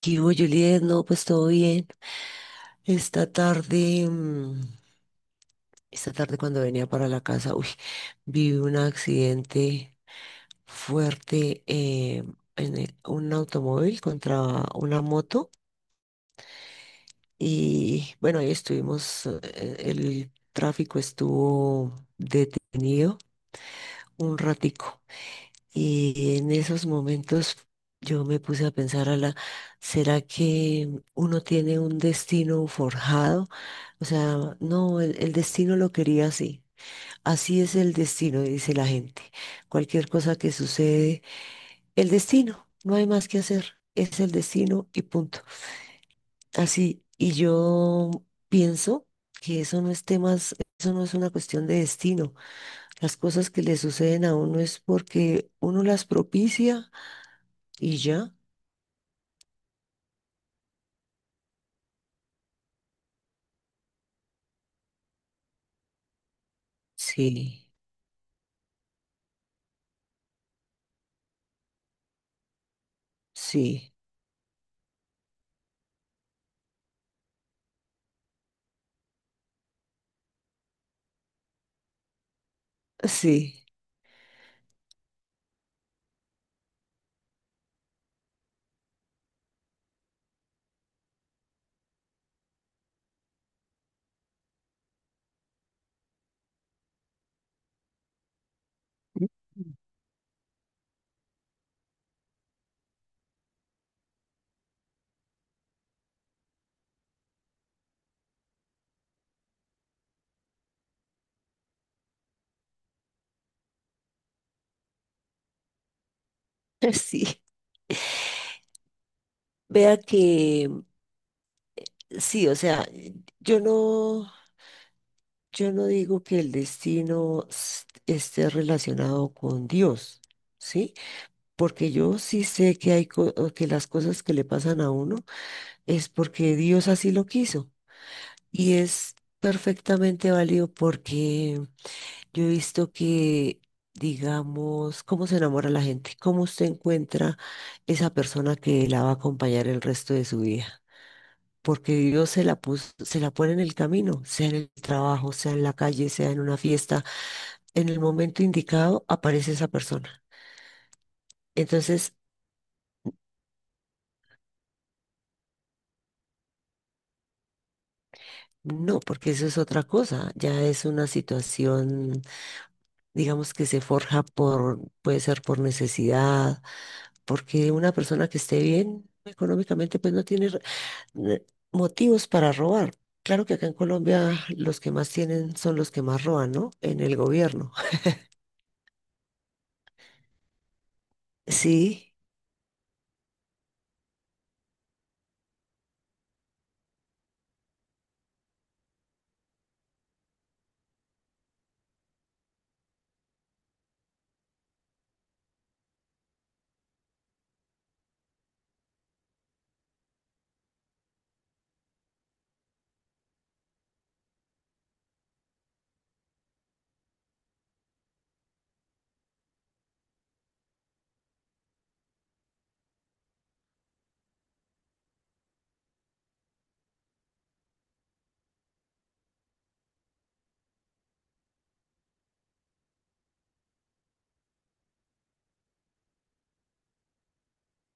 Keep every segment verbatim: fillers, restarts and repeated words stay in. ¿Qué hubo, Juliet? No, pues todo bien. Esta tarde, mm, esta tarde cuando venía para la casa, uy, vi un accidente fuerte eh, en el- un automóvil contra una moto. Y bueno, ahí estuvimos, eh, el tráfico estuvo detenido un ratico. Y en esos momentos yo me puse a pensar, la ¿será que uno tiene un destino forjado? O sea, no, el, el destino lo quería así. Así es el destino, dice la gente. Cualquier cosa que sucede, el destino, no hay más que hacer. Es el destino y punto. Así, y yo pienso que eso no es temas, eso no es una cuestión de destino. Las cosas que le suceden a uno es porque uno las propicia. ¿Y ya? Sí, sí, sí, sí. Vea que sí, o sea, yo no, yo no digo que el destino s- esté relacionado con Dios, ¿sí? Porque yo sí sé que hay co- o que las cosas que le pasan a uno es porque Dios así lo quiso y es perfectamente válido. Porque yo he visto que, digamos, cómo se enamora la gente, cómo usted encuentra esa persona que la va a acompañar el resto de su vida. Porque Dios se la puso, se la pone en el camino, sea en el trabajo, sea en la calle, sea en una fiesta. En el momento indicado aparece esa persona. Entonces, no, porque eso es otra cosa. Ya es una situación, digamos, que se forja por, puede ser por necesidad, porque una persona que esté bien económicamente, pues no tiene eh, motivos para robar. Claro que acá en Colombia los que más tienen son los que más roban, ¿no? En el gobierno. Sí,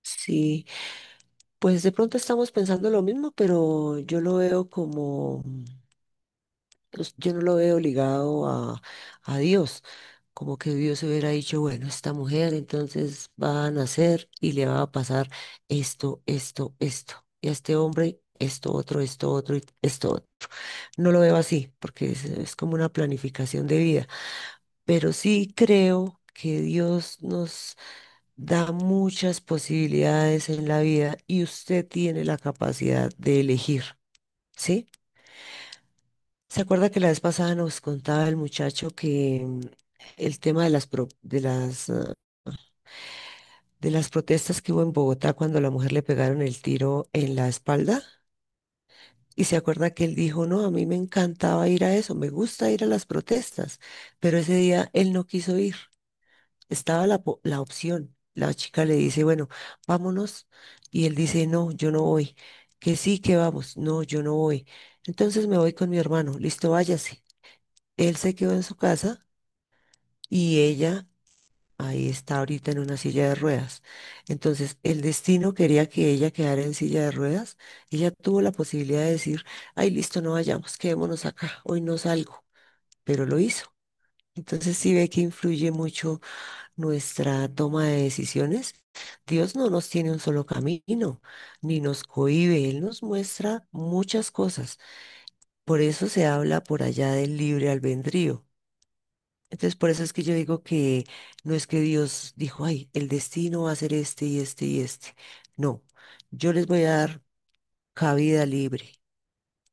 sí. Pues de pronto estamos pensando lo mismo, pero yo lo veo como... Pues, yo no lo veo ligado a, a Dios, como que Dios hubiera dicho, bueno, esta mujer entonces va a nacer y le va a pasar esto, esto, esto, y a este hombre esto, otro, esto, otro, y esto, otro. No lo veo así, porque es, es como una planificación de vida, pero sí creo que Dios nos da muchas posibilidades en la vida y usted tiene la capacidad de elegir, ¿sí? ¿Se acuerda que la vez pasada nos contaba el muchacho que mm, el tema de las, pro- de las, ah, de las protestas que hubo en Bogotá cuando a la mujer le pegaron el tiro en la espalda? Y se acuerda que él dijo, no, a mí me encantaba ir a eso, me gusta ir a las protestas, pero ese día él no quiso ir, estaba la, po- la opción. La chica le dice, bueno, vámonos. Y él dice, no, yo no voy. Que sí, que vamos. No, yo no voy. Entonces me voy con mi hermano. Listo, váyase. Él se quedó en su casa y ella ahí está ahorita en una silla de ruedas. Entonces, el destino quería que ella quedara en silla de ruedas. Ella tuvo la posibilidad de decir, ay, listo, no vayamos, quedémonos acá, hoy no salgo, pero lo hizo. Entonces, sí ve que influye mucho nuestra toma de decisiones. Dios no nos tiene un solo camino, ni nos cohíbe, Él nos muestra muchas cosas. Por eso se habla por allá del libre albedrío. Entonces, por eso es que yo digo que no es que Dios dijo, ay, el destino va a ser este y este y este. No, yo les voy a dar cabida libre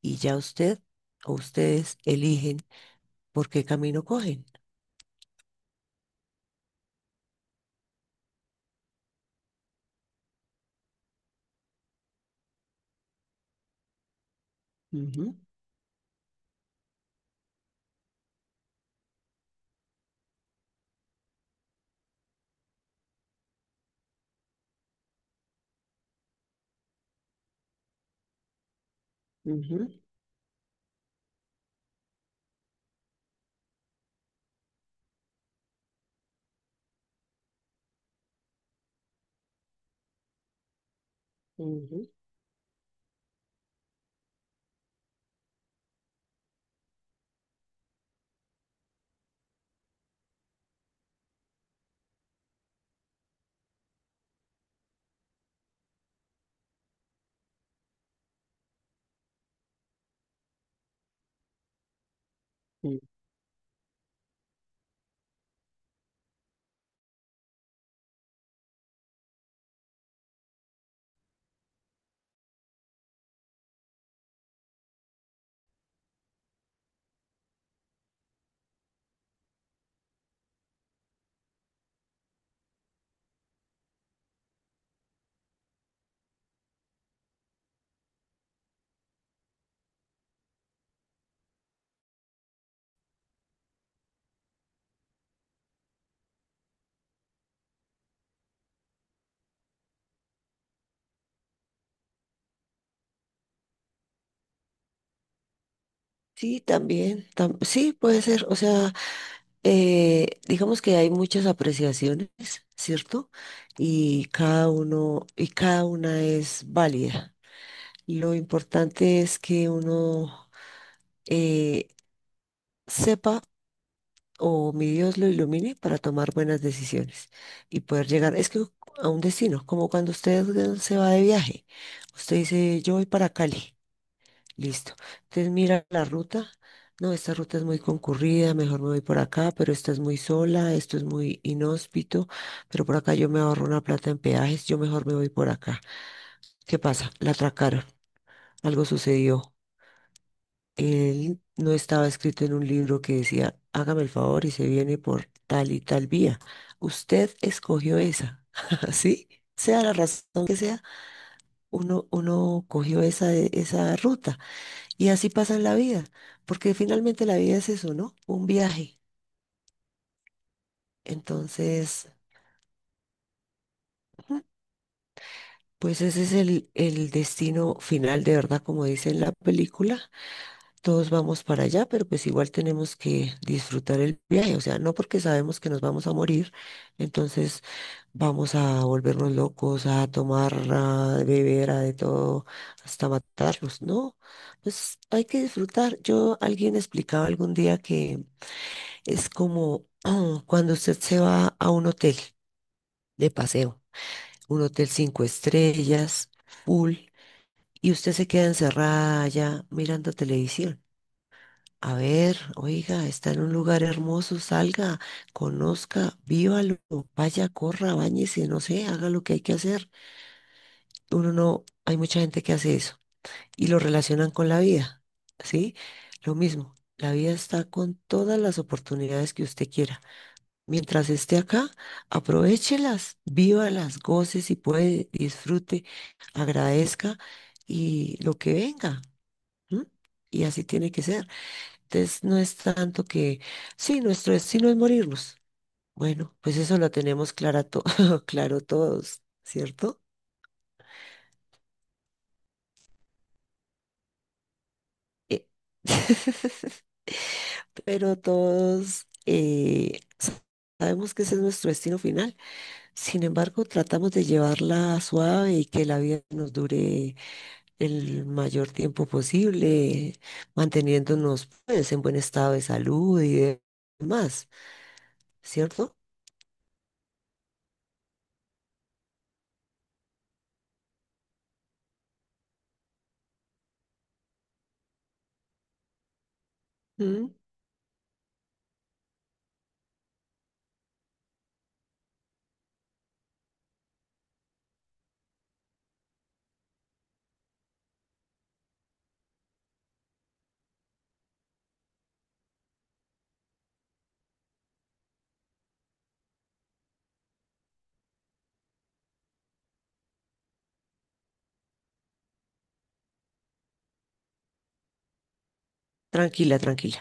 y ya usted o ustedes eligen por qué camino cogen. Ujú, ujú, ujú, ujú. Sí, también, tam- sí, puede ser. O sea, eh, digamos que hay muchas apreciaciones, ¿cierto? Y cada uno, y cada una es válida. Lo importante es que uno eh, sepa o mi Dios lo ilumine para tomar buenas decisiones y poder llegar, es que a un destino, como cuando usted eh, se va de viaje, usted dice, yo voy para Cali, listo, entonces mira la ruta. No, esta ruta es muy concurrida, mejor me voy por acá, pero esta es muy sola, esto es muy inhóspito, pero por acá yo me ahorro una plata en peajes, yo mejor me voy por acá. ¿Qué pasa? La atracaron, algo sucedió. Él no estaba escrito en un libro que decía, hágame el favor y se viene por tal y tal vía. Usted escogió esa, ¿sí? Sea la razón que sea, uno, uno cogió esa, de- esa ruta. Y así pasa en la vida, porque finalmente la vida es eso, ¿no? Un viaje. Entonces, ujú, pues ese es el, el destino final, de verdad, como dice en la película. Todos vamos para allá, pero pues igual tenemos que disfrutar el viaje, o sea, no porque sabemos que nos vamos a morir, entonces vamos a volvernos locos, a tomar, a beber, a de todo, hasta matarlos, ¿no? Pues hay que disfrutar. Yo, alguien explicaba algún día que es como cuando usted se va a un hotel de paseo, un hotel cinco estrellas, full, y usted se queda encerrada allá mirando televisión. A ver, oiga, está en un lugar hermoso, salga, conozca, vívalo, vaya, corra, báñese, no sé, haga lo que hay que hacer. Uno no, hay mucha gente que hace eso y lo relacionan con la vida, ¿sí? Lo mismo, la vida está con todas las oportunidades que usted quiera. Mientras esté acá, aprovéchelas, vívalas, goce si puede, disfrute, agradezca y lo que venga, ¿m? Y así tiene que ser. Entonces, no es tanto que, sí, nuestro destino es morirnos. Bueno, pues eso lo tenemos clara to- claro todos, ¿cierto? Eh, Pero todos eh, sabemos que ese es nuestro destino final. Sin embargo, tratamos de llevarla suave y que la vida nos dure el mayor tiempo posible, manteniéndonos pues, en buen estado de salud y demás, ¿cierto? Mm. Tranquila, tranquila.